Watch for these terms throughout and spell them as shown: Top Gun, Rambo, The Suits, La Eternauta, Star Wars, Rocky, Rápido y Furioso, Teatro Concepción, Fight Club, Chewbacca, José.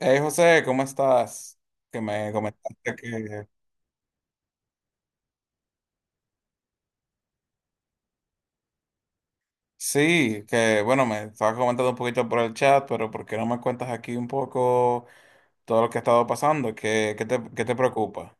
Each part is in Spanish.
Hey José, ¿cómo estás? Que me comentaste que sí, que bueno, me estabas comentando un poquito por el chat, pero ¿por qué no me cuentas aquí un poco todo lo que ha estado pasando? ¿Qué te preocupa?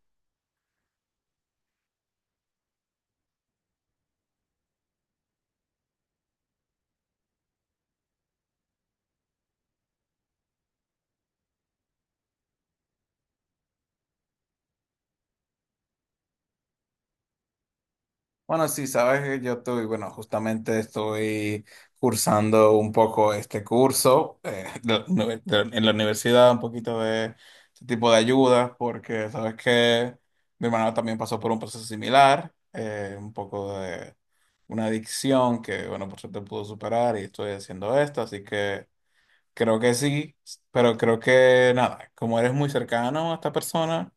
Bueno, sí, sabes que yo estoy, bueno, justamente estoy cursando un poco este curso en la universidad, un poquito de este tipo de ayudas, porque sabes que mi hermano también pasó por un proceso similar, un poco de una adicción que, bueno, por suerte pudo superar y estoy haciendo esto, así que creo que sí, pero creo que nada, como eres muy cercano a esta persona.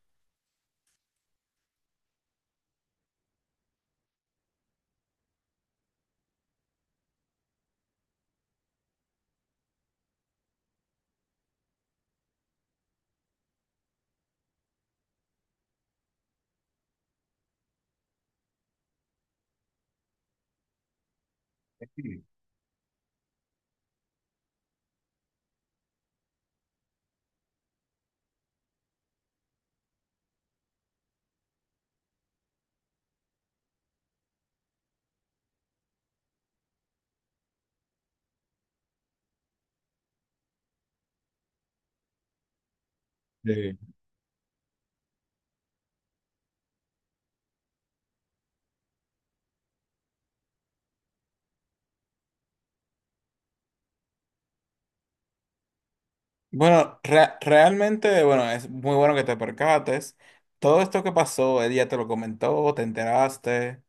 Bueno, realmente, bueno, es muy bueno que te percates. Todo esto que pasó, él ya te lo comentó, te enteraste.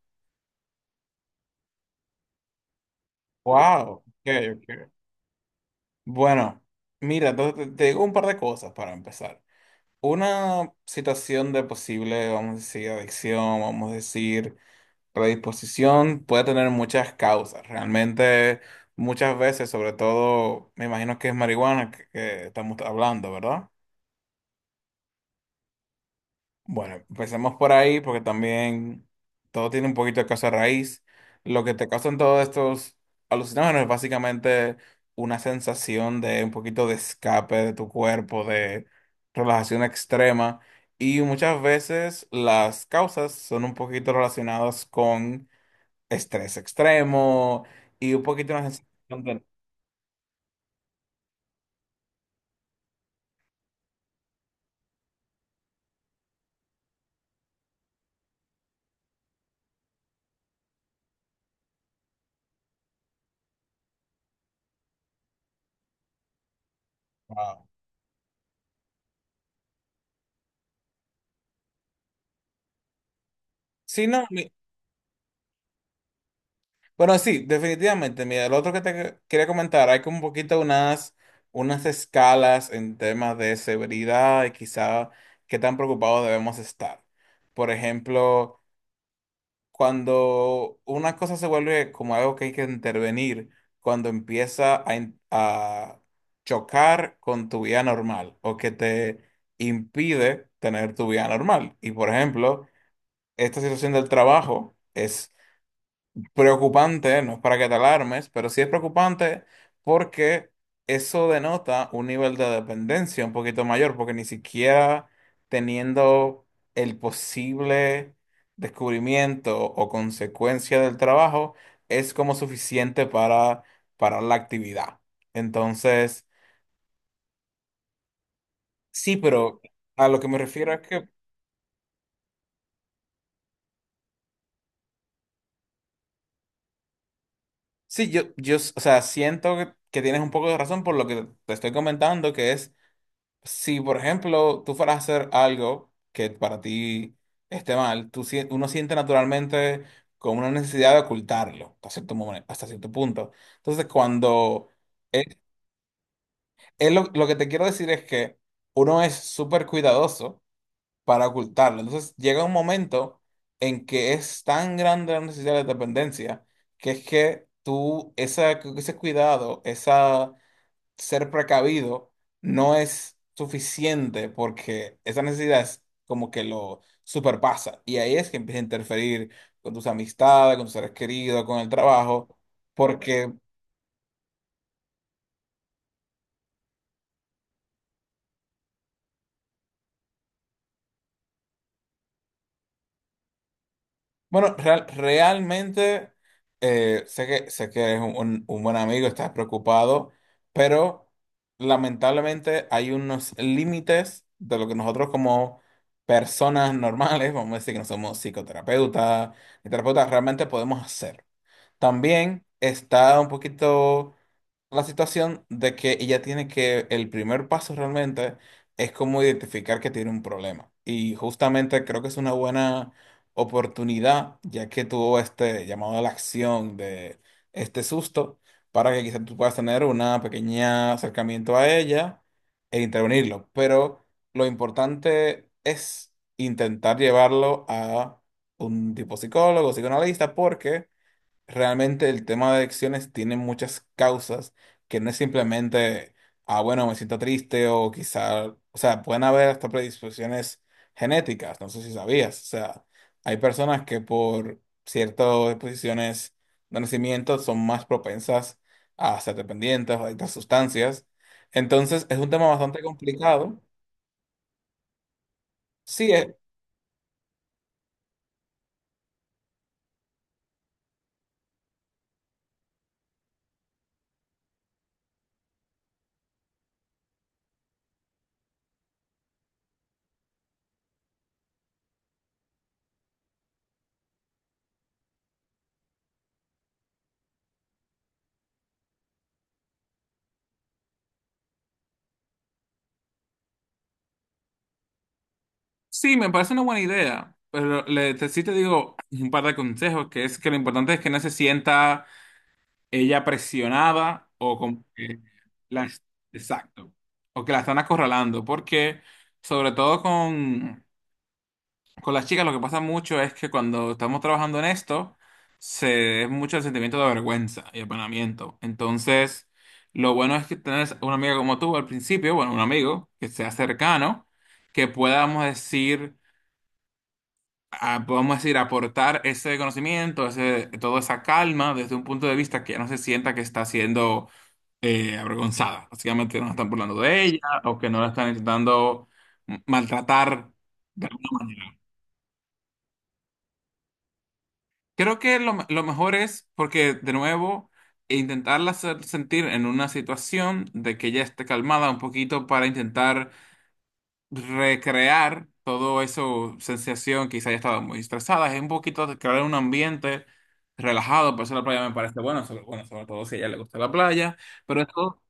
Wow. Ok, ok. Bueno, mira, entonces te digo un par de cosas para empezar. Una situación de posible, vamos a decir, adicción, vamos a decir, predisposición, puede tener muchas causas. Realmente, muchas veces, sobre todo, me imagino que es marihuana que estamos hablando, ¿verdad? Bueno, empecemos por ahí porque también todo tiene un poquito de causa raíz. Lo que te causan todos estos alucinógenos es básicamente una sensación de un poquito de escape de tu cuerpo, de relajación extrema. Y muchas veces las causas son un poquito relacionadas con estrés extremo y un poquito una sensación de si no, bueno, sí, definitivamente. Mira, lo otro que te quería comentar, hay como un poquito unas escalas en temas de severidad y quizá qué tan preocupados debemos estar. Por ejemplo, cuando una cosa se vuelve como algo que hay que intervenir, cuando empieza a chocar con tu vida normal o que te impide tener tu vida normal. Y por ejemplo, esta situación del trabajo es preocupante, no es para que te alarmes, pero sí es preocupante porque eso denota un nivel de dependencia un poquito mayor, porque ni siquiera teniendo el posible descubrimiento o consecuencia del trabajo es como suficiente para parar la actividad. Entonces, sí, pero a lo que me refiero es que sí, yo, o sea, siento que tienes un poco de razón por lo que te estoy comentando, que es si, por ejemplo, tú fueras a hacer algo que para ti esté mal, tú, uno siente naturalmente como una necesidad de ocultarlo hasta cierto hasta cierto punto. Entonces, cuando es, lo que te quiero decir es que uno es súper cuidadoso para ocultarlo. Entonces, llega un momento en que es tan grande la necesidad de dependencia que es que tú, esa, ese cuidado, ser precavido no es suficiente porque esa necesidad es como que lo superpasa. Y ahí es que empieza a interferir con tus amistades, con tus seres queridos, con el trabajo, porque, bueno, realmente sé que eres un, un buen amigo, estás preocupado, pero lamentablemente hay unos límites de lo que nosotros como personas normales, vamos a decir que no somos psicoterapeutas, ni terapeutas realmente podemos hacer. También está un poquito la situación de que ella tiene que, el primer paso realmente es como identificar que tiene un problema. Y justamente creo que es una buena oportunidad, ya que tuvo este llamado a la acción de este susto, para que quizás tú puedas tener una pequeña acercamiento a ella e intervenirlo. Pero lo importante es intentar llevarlo a un tipo psicólogo, psicoanalista, porque realmente el tema de adicciones tiene muchas causas que no es simplemente, ah, bueno, me siento triste o quizá, o sea, pueden haber hasta predisposiciones genéticas, no sé si sabías, o sea, hay personas que por ciertas disposiciones de nacimiento son más propensas a ser dependientes o adictas a sustancias. Entonces, es un tema bastante complicado. Sí, es sí, me parece una buena idea, pero le, sí te digo un par de consejos, que es que lo importante es que no se sienta ella presionaba o como que las exacto. O que la están acorralando, porque sobre todo con las chicas lo que pasa mucho es que cuando estamos trabajando en esto, se es mucho el sentimiento de vergüenza y apanamiento. Entonces, lo bueno es que tenés una amiga como tú al principio, bueno, un amigo que sea cercano, que podamos decir podemos decir, aportar ese conocimiento, ese, toda esa calma desde un punto de vista que ya no se sienta que está haciendo avergonzada. Básicamente no están burlando de ella o que no la están intentando maltratar de alguna manera. Creo que lo, lo mejor es, porque de nuevo, intentarla hacer sentir en una situación de que ella esté calmada un poquito para intentar recrear todo eso, sensación, quizá haya estado muy estresada, es un poquito de crear un ambiente relajado, por eso la playa me parece bueno, sobre todo si a ella le gusta la playa, pero esto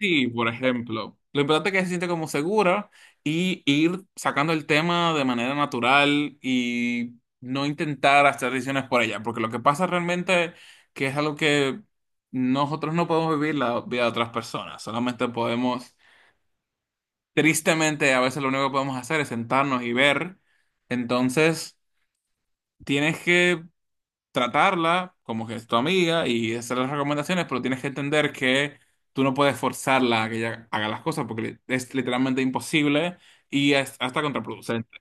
sí, por ejemplo. Lo importante es que se siente como segura y ir sacando el tema de manera natural y no intentar hacer decisiones por ella, porque lo que pasa realmente que es algo que nosotros no podemos vivir la vida de otras personas, solamente podemos, tristemente, a veces lo único que podemos hacer es sentarnos y ver. Entonces, tienes que tratarla como que es tu amiga y hacer las recomendaciones, pero tienes que entender que tú no puedes forzarla a que ella haga las cosas porque es literalmente imposible y es hasta contraproducente.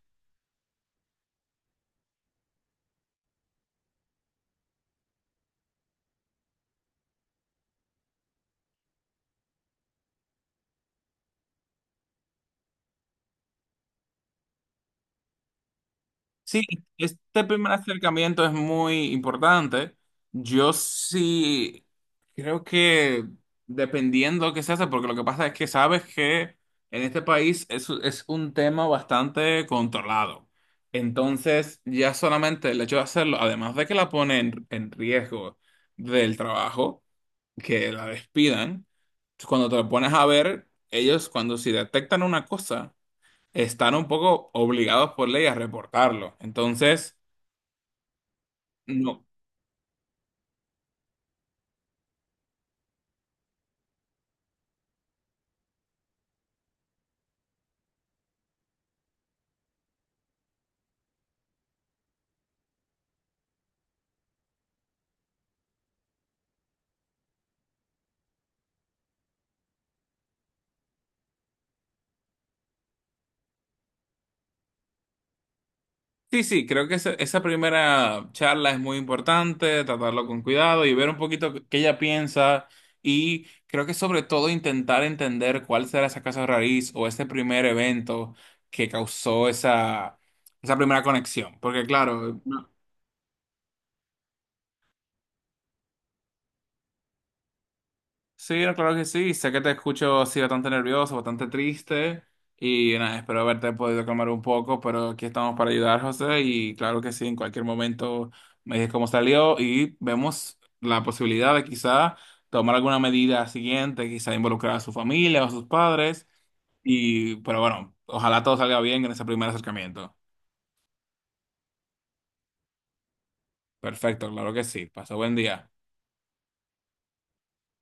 Sí, este primer acercamiento es muy importante. Yo sí creo que dependiendo qué se hace, porque lo que pasa es que sabes que en este país es un tema bastante controlado. Entonces, ya solamente el hecho de hacerlo, además de que la pone en riesgo del trabajo, que la despidan, cuando te lo pones a ver, ellos cuando si detectan una cosa están un poco obligados por ley a reportarlo. Entonces, no. Sí, sí, creo que esa primera charla es muy importante, tratarlo con cuidado y ver un poquito qué ella piensa y creo que sobre todo intentar entender cuál será esa casa raíz o ese primer evento que causó esa, esa primera conexión. Porque claro, sí, no, claro que sí. Sé que te escucho así bastante nervioso, bastante triste. Y nada, espero haberte podido calmar un poco, pero aquí estamos para ayudar, José. Y claro que sí, en cualquier momento me dices cómo salió y vemos la posibilidad de quizá tomar alguna medida siguiente, quizá involucrar a su familia o a sus padres. Y, pero bueno, ojalá todo salga bien en ese primer acercamiento. Perfecto, claro que sí. Pasó buen día.